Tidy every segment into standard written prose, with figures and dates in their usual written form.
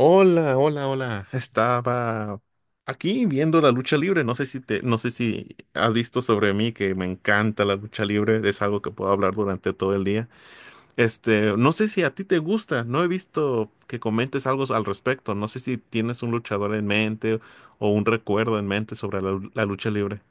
Hola, hola, hola. Estaba aquí viendo la lucha libre. No sé si has visto sobre mí que me encanta la lucha libre. Es algo que puedo hablar durante todo el día. No sé si a ti te gusta. No he visto que comentes algo al respecto. No sé si tienes un luchador en mente o un recuerdo en mente sobre la lucha libre.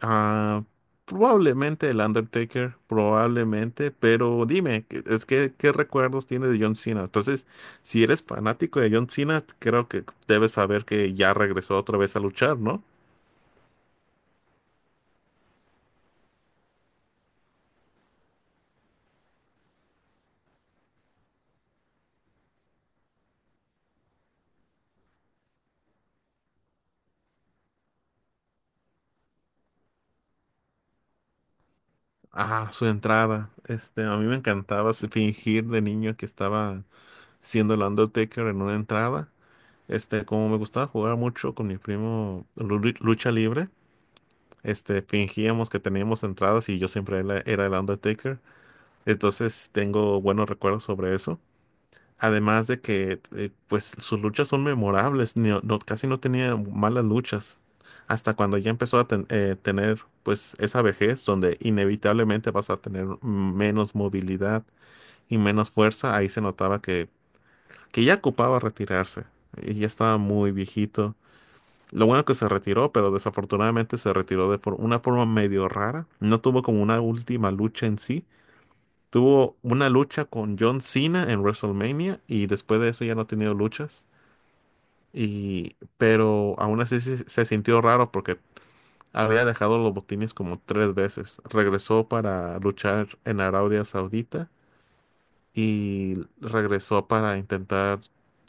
Ah, probablemente el Undertaker, probablemente, pero dime, ¿qué recuerdos tienes de John Cena? Entonces, si eres fanático de John Cena, creo que debes saber que ya regresó otra vez a luchar, ¿no? Ah, su entrada. A mí me encantaba fingir de niño que estaba siendo el Undertaker en una entrada. Como me gustaba jugar mucho con mi primo lucha libre, fingíamos que teníamos entradas y yo siempre era el Undertaker. Entonces tengo buenos recuerdos sobre eso. Además de que pues sus luchas son memorables, casi no tenía malas luchas. Hasta cuando ya empezó a tener pues esa vejez donde inevitablemente vas a tener menos movilidad y menos fuerza, ahí se notaba que ya ocupaba retirarse y ya estaba muy viejito. Lo bueno que se retiró, pero desafortunadamente se retiró de una forma medio rara. No tuvo como una última lucha en sí. Tuvo una lucha con John Cena en WrestleMania y después de eso ya no ha tenido luchas. Y, pero aún así se sintió raro porque había dejado los botines como tres veces. Regresó para luchar en Arabia Saudita y regresó para intentar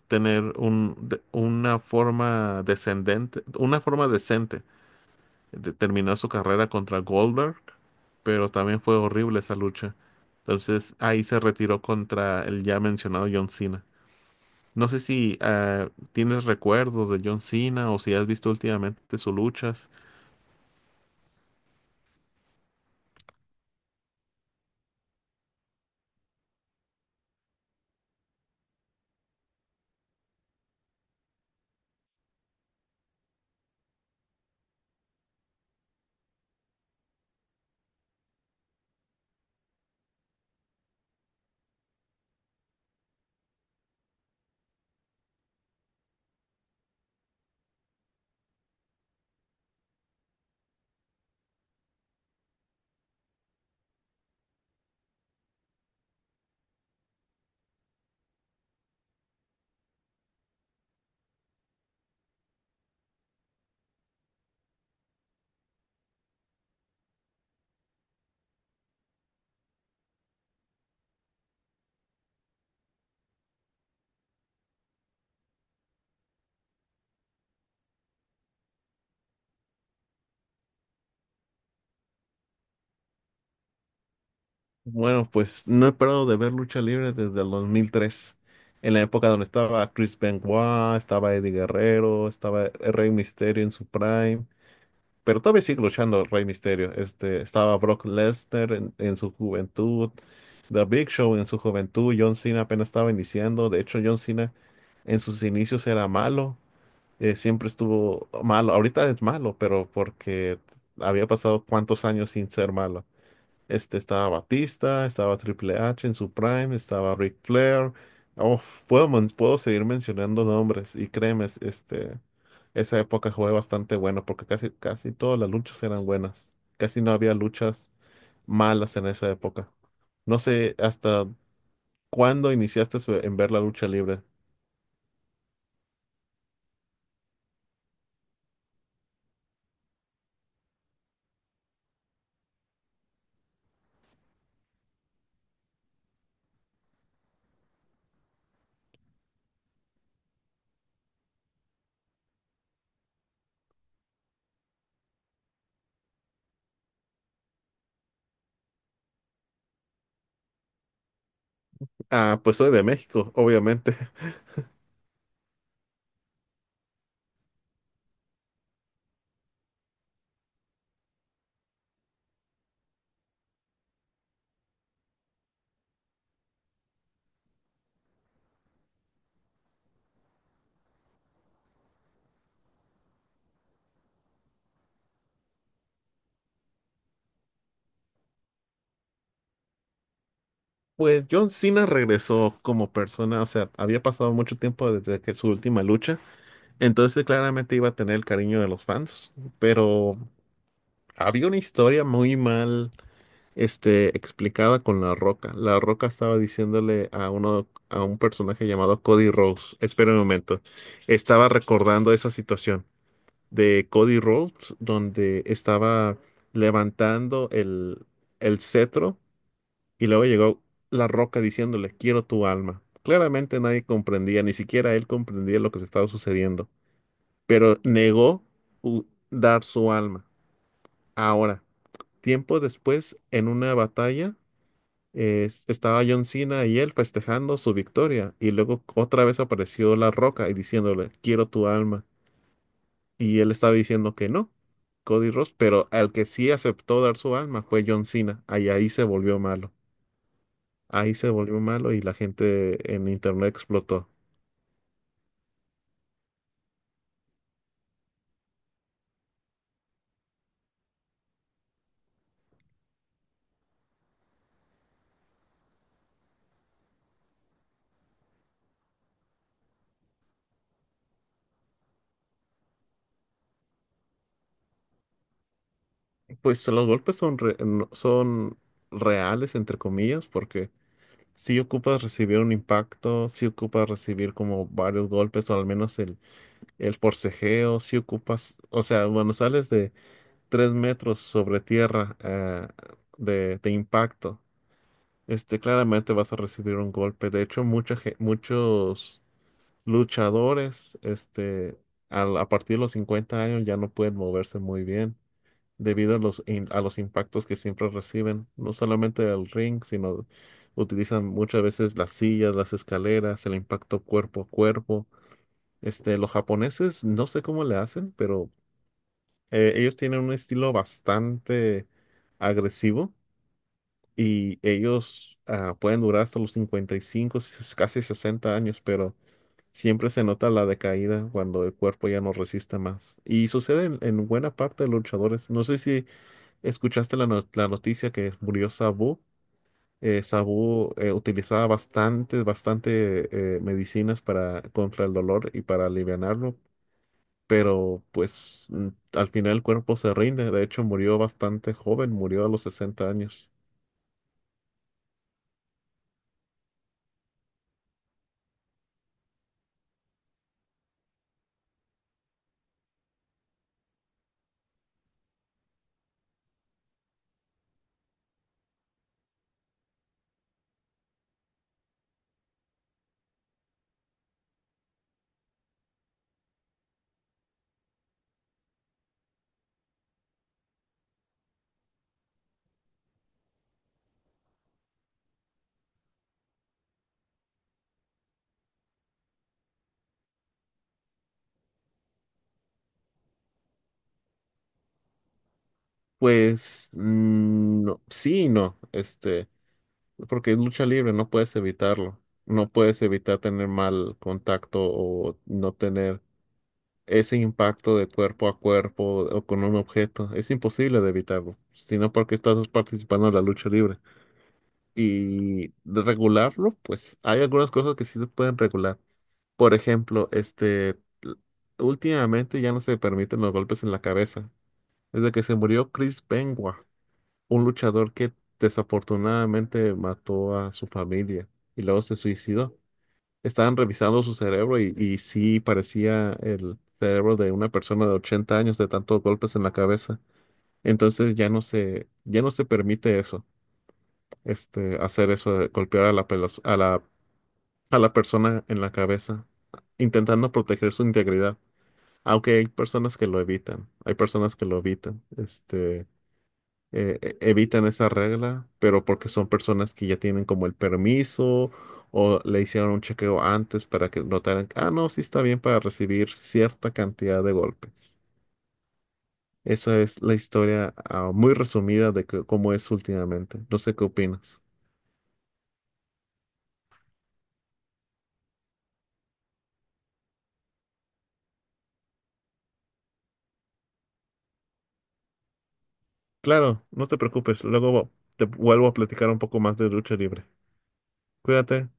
tener una forma descendente, una forma decente. Terminó su carrera contra Goldberg, pero también fue horrible esa lucha. Entonces ahí se retiró contra el ya mencionado John Cena. No sé si tienes recuerdos de John Cena o si has visto últimamente sus luchas. Bueno, pues no he parado de ver lucha libre desde el 2003, en la época donde estaba Chris Benoit, estaba Eddie Guerrero, estaba el Rey Mysterio en su prime, pero todavía sigue luchando el Rey Mysterio. Estaba Brock Lesnar en su juventud, The Big Show en su juventud, John Cena apenas estaba iniciando. De hecho, John Cena en sus inicios era malo, siempre estuvo malo. Ahorita es malo, pero porque había pasado cuántos años sin ser malo. Este estaba Batista, estaba Triple H en su prime, estaba Ric Flair. Oh, puedo seguir mencionando nombres y créeme, esa época fue bastante buena porque casi todas las luchas eran buenas. Casi no había luchas malas en esa época. No sé, hasta ¿cuándo iniciaste en ver la lucha libre? Ah, pues soy de México, obviamente. Pues John Cena regresó como persona, o sea, había pasado mucho tiempo desde que su última lucha, entonces claramente iba a tener el cariño de los fans, pero había una historia muy mal, explicada con La Roca. La Roca estaba diciéndole a uno, a un personaje llamado Cody Rhodes, espera un momento, estaba recordando esa situación de Cody Rhodes, donde estaba levantando el cetro y luego llegó La Roca diciéndole, quiero tu alma. Claramente nadie comprendía, ni siquiera él comprendía lo que se estaba sucediendo, pero negó u- dar su alma. Ahora, tiempo después, en una batalla, estaba John Cena y él festejando su victoria y luego otra vez apareció La Roca y diciéndole, quiero tu alma. Y él estaba diciendo que no, Cody Ross, pero al que sí aceptó dar su alma fue John Cena. Ahí se volvió malo. Ahí se volvió malo y la gente en internet explotó. Pues los golpes son, son reales, entre comillas, porque si ocupas recibir un impacto, si ocupas recibir como varios golpes o al menos el forcejeo, si ocupas, o sea, bueno sales de 3 metros sobre tierra de impacto, claramente vas a recibir un golpe. De hecho, muchos luchadores, a partir de los 50 años ya no pueden moverse muy bien debido a a los impactos que siempre reciben, no solamente del ring, sino utilizan muchas veces las sillas, las escaleras, el impacto cuerpo a cuerpo. Los japoneses, no sé cómo le hacen, pero ellos tienen un estilo bastante agresivo y ellos pueden durar hasta los 55, casi 60 años, pero siempre se nota la decaída cuando el cuerpo ya no resiste más. Y sucede en buena parte de los luchadores. No sé si escuchaste la, no- la noticia que murió Sabu. Sabu utilizaba bastante medicinas para, contra el dolor y para alivianarlo, pero pues al final el cuerpo se rinde. De hecho, murió bastante joven, murió a los 60 años. Pues no, sí y no, porque es lucha libre, no puedes evitarlo, no puedes evitar tener mal contacto o no tener ese impacto de cuerpo a cuerpo o con un objeto, es imposible de evitarlo, sino porque estás participando en la lucha libre. Y de regularlo, pues hay algunas cosas que sí se pueden regular. Por ejemplo, l- últimamente ya no se permiten los golpes en la cabeza. Desde que se murió Chris Benoit, un luchador que desafortunadamente mató a su familia y luego se suicidó. Estaban revisando su cerebro y sí parecía el cerebro de una persona de 80 años de tantos golpes en la cabeza. Entonces ya no se permite eso, hacer eso de golpear a la, pelos- a la persona en la cabeza, intentando proteger su integridad. Aunque hay personas que lo evitan, hay personas que lo evitan, evitan esa regla, pero porque son personas que ya tienen como el permiso o le hicieron un chequeo antes para que notaran, ah, no, sí está bien para recibir cierta cantidad de golpes. Esa es la historia, muy resumida de cómo es últimamente. No sé qué opinas. Claro, no te preocupes, luego te vuelvo a platicar un poco más de lucha libre. Cuídate,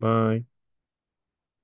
bye.